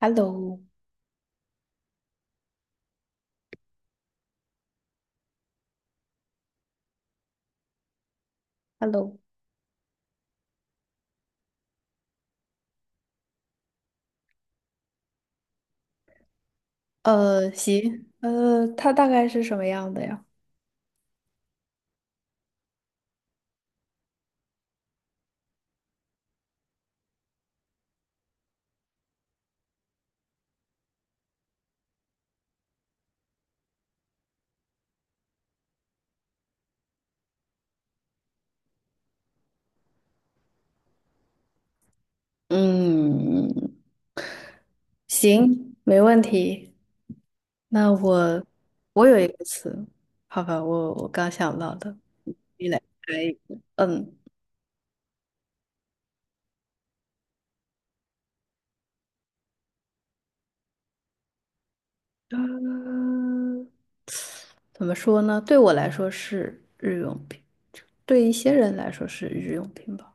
Hello,Hello,行，它大概是什么样的呀？嗯，行，没问题。那我有一个词，好吧，我刚想到的，你来猜一个。嗯，嗯，怎么说呢？对我来说是日用品，对一些人来说是日用品吧。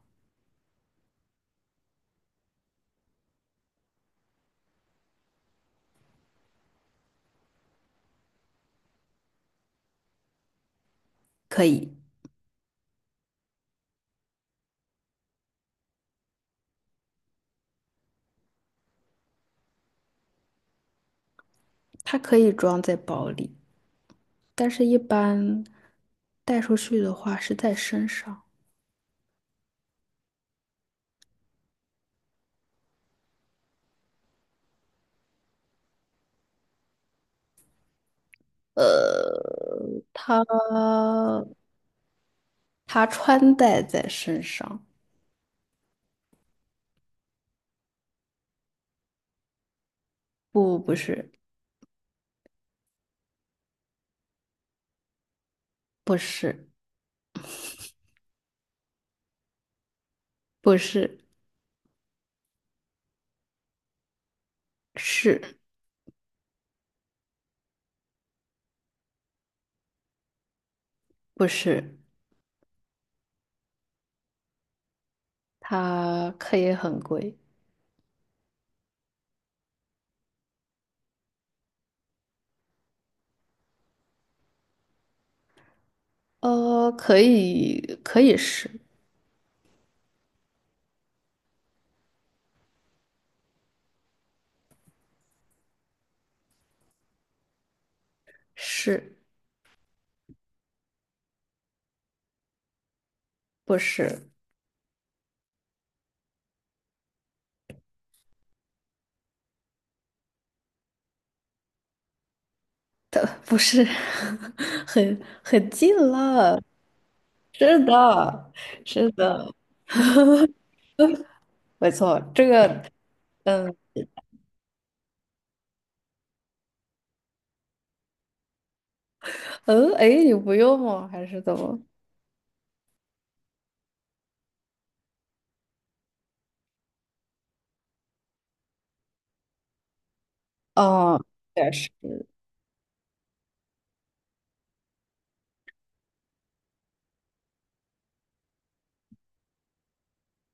可以，它可以装在包里，但是一般带出去的话是在身上。呃，他他穿戴在身上，不，不是，不是，不是，是不是？它可以很贵，可以，可以是是，不是的，不是，很近了，是的，是的，没错，这个，嗯嗯，哎，你不用吗？还是怎么？哦，也是。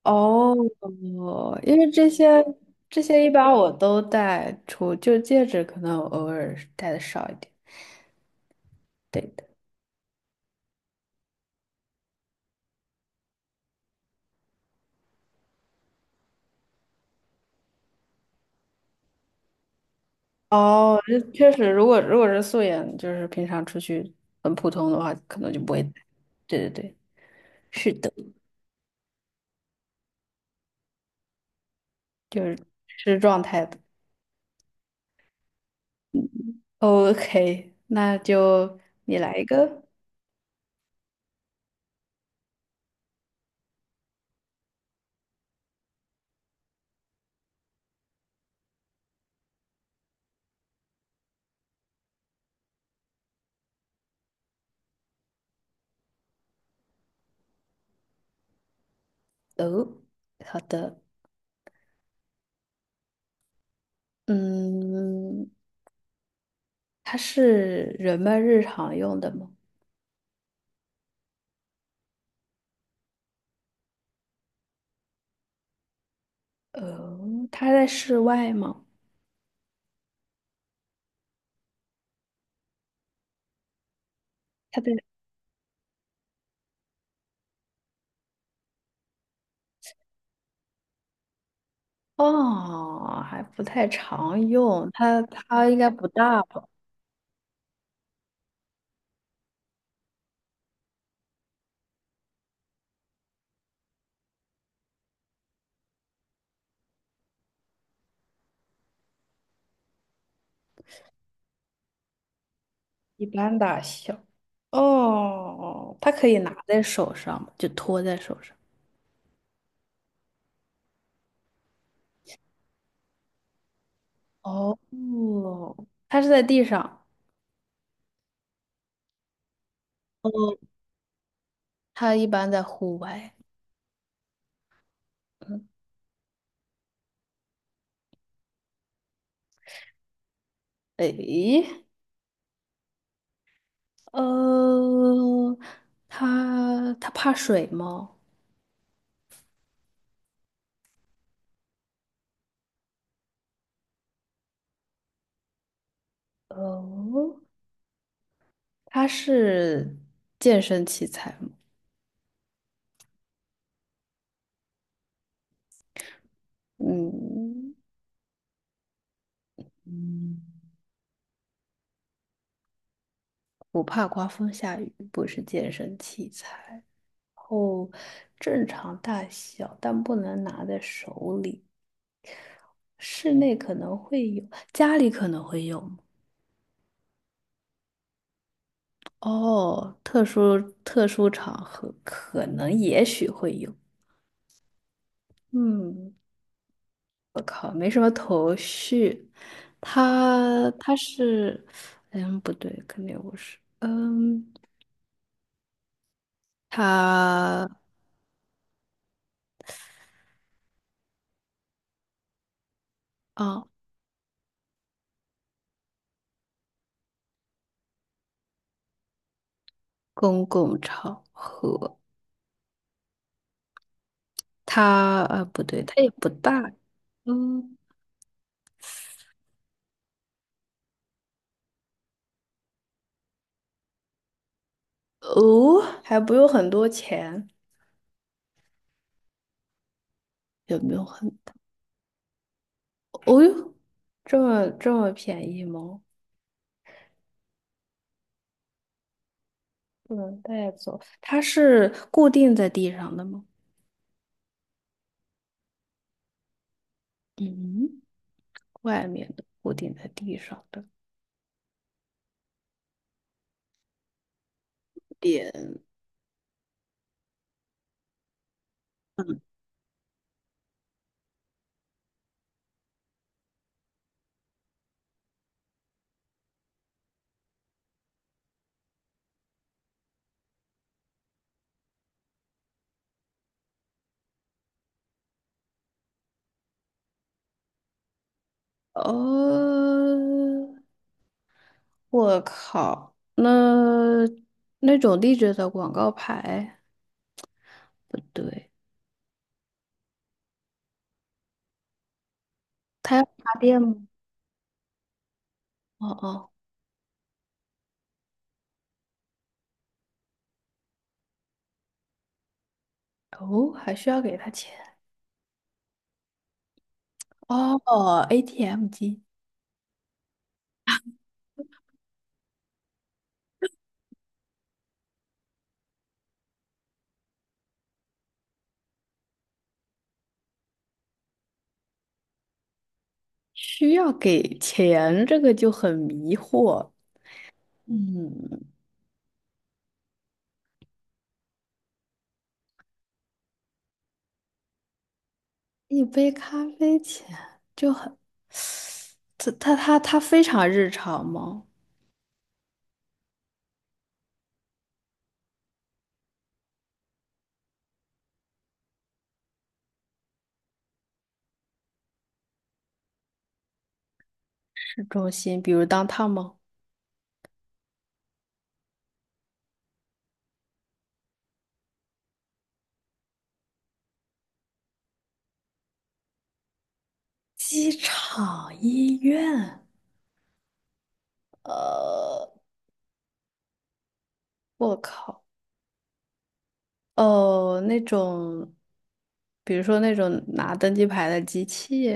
哦，因为这些一般我都戴出，就戒指可能我偶尔是戴的少一点。对的。哦，这确实，如果是素颜，就是平常出去很普通的话，可能就不会戴。对对对，是的，是状态的。OK,那就你来一个。哦，好的。嗯，它是人们日常用的吗？呃，它在室外吗？它在。哦，还不太常用，它应该不大吧，一般大小。哦，它可以拿在手上吗，就托在手上。哦，它是在地上。哦，它一般在户外。嗯，诶，呃，它怕水吗？哦，它是健身器材吗？嗯。不怕刮风下雨，不是健身器材。后正常大小，但不能拿在手里。室内可能会有，家里可能会有吗？哦，特殊场合可能也许会有。嗯，我靠，没什么头绪。他他是，嗯，不对，肯定不是。嗯，他啊，公共场合。他啊，不对，他也不大，嗯，哦，还不用很多钱，也没有很哦哟，这么便宜吗？不能带走，它是固定在地上的吗？嗯，外面的固定在地上的点，嗯，哦，我靠，那那种立着的广告牌不对，它要插电吗？哦哦哦，还需要给他钱。哦，ATM 机需要给钱，这个就很迷惑。嗯，一杯咖啡钱就很，它非常日常吗？市中心，比如当 o w 吗？机场、医院，呃，我靠，哦，那种，比如说那种拿登机牌的机器，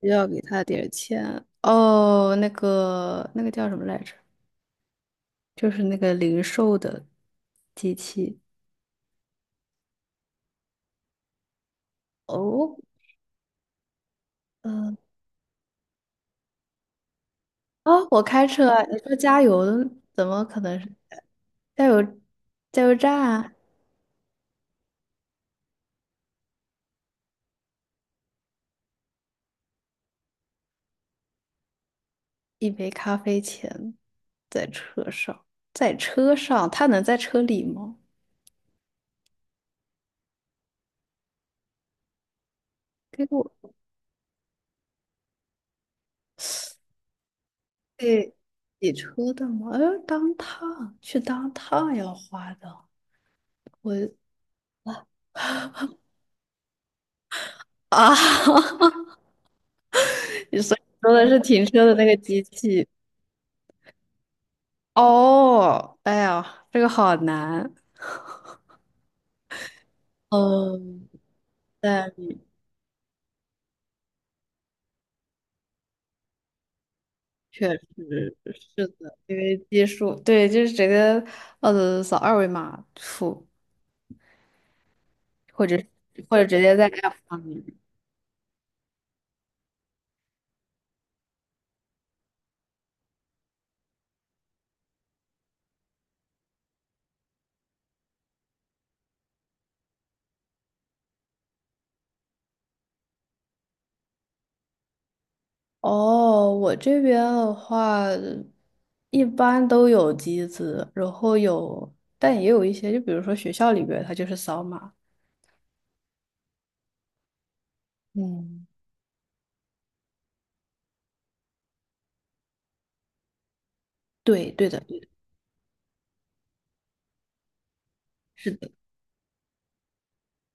需要给他点儿钱。哦，那个那个叫什么来着？就是那个零售的机器。哦，嗯，啊，我开车啊，你说加油的，怎么可能是加油加油站啊？一杯咖啡钱在车上，在车上，他能在车里吗？给我给洗车的吗？哎，当趟要花的，我啊，你说说的是停车的那个机器。哦，哎呀，这个好难。嗯，但确实是的，因为基数对，就是直接扫二维码付，或者或者直接在 App 上面。哦，我这边的话，一般都有机子，然后有，但也有一些，就比如说学校里边，它就是扫码。嗯，对，对的，对的，是的，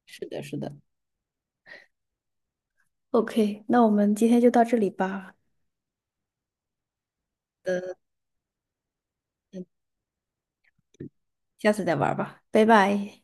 是的，是的。OK,那我们今天就到这里吧，呃，下次再玩吧，拜拜。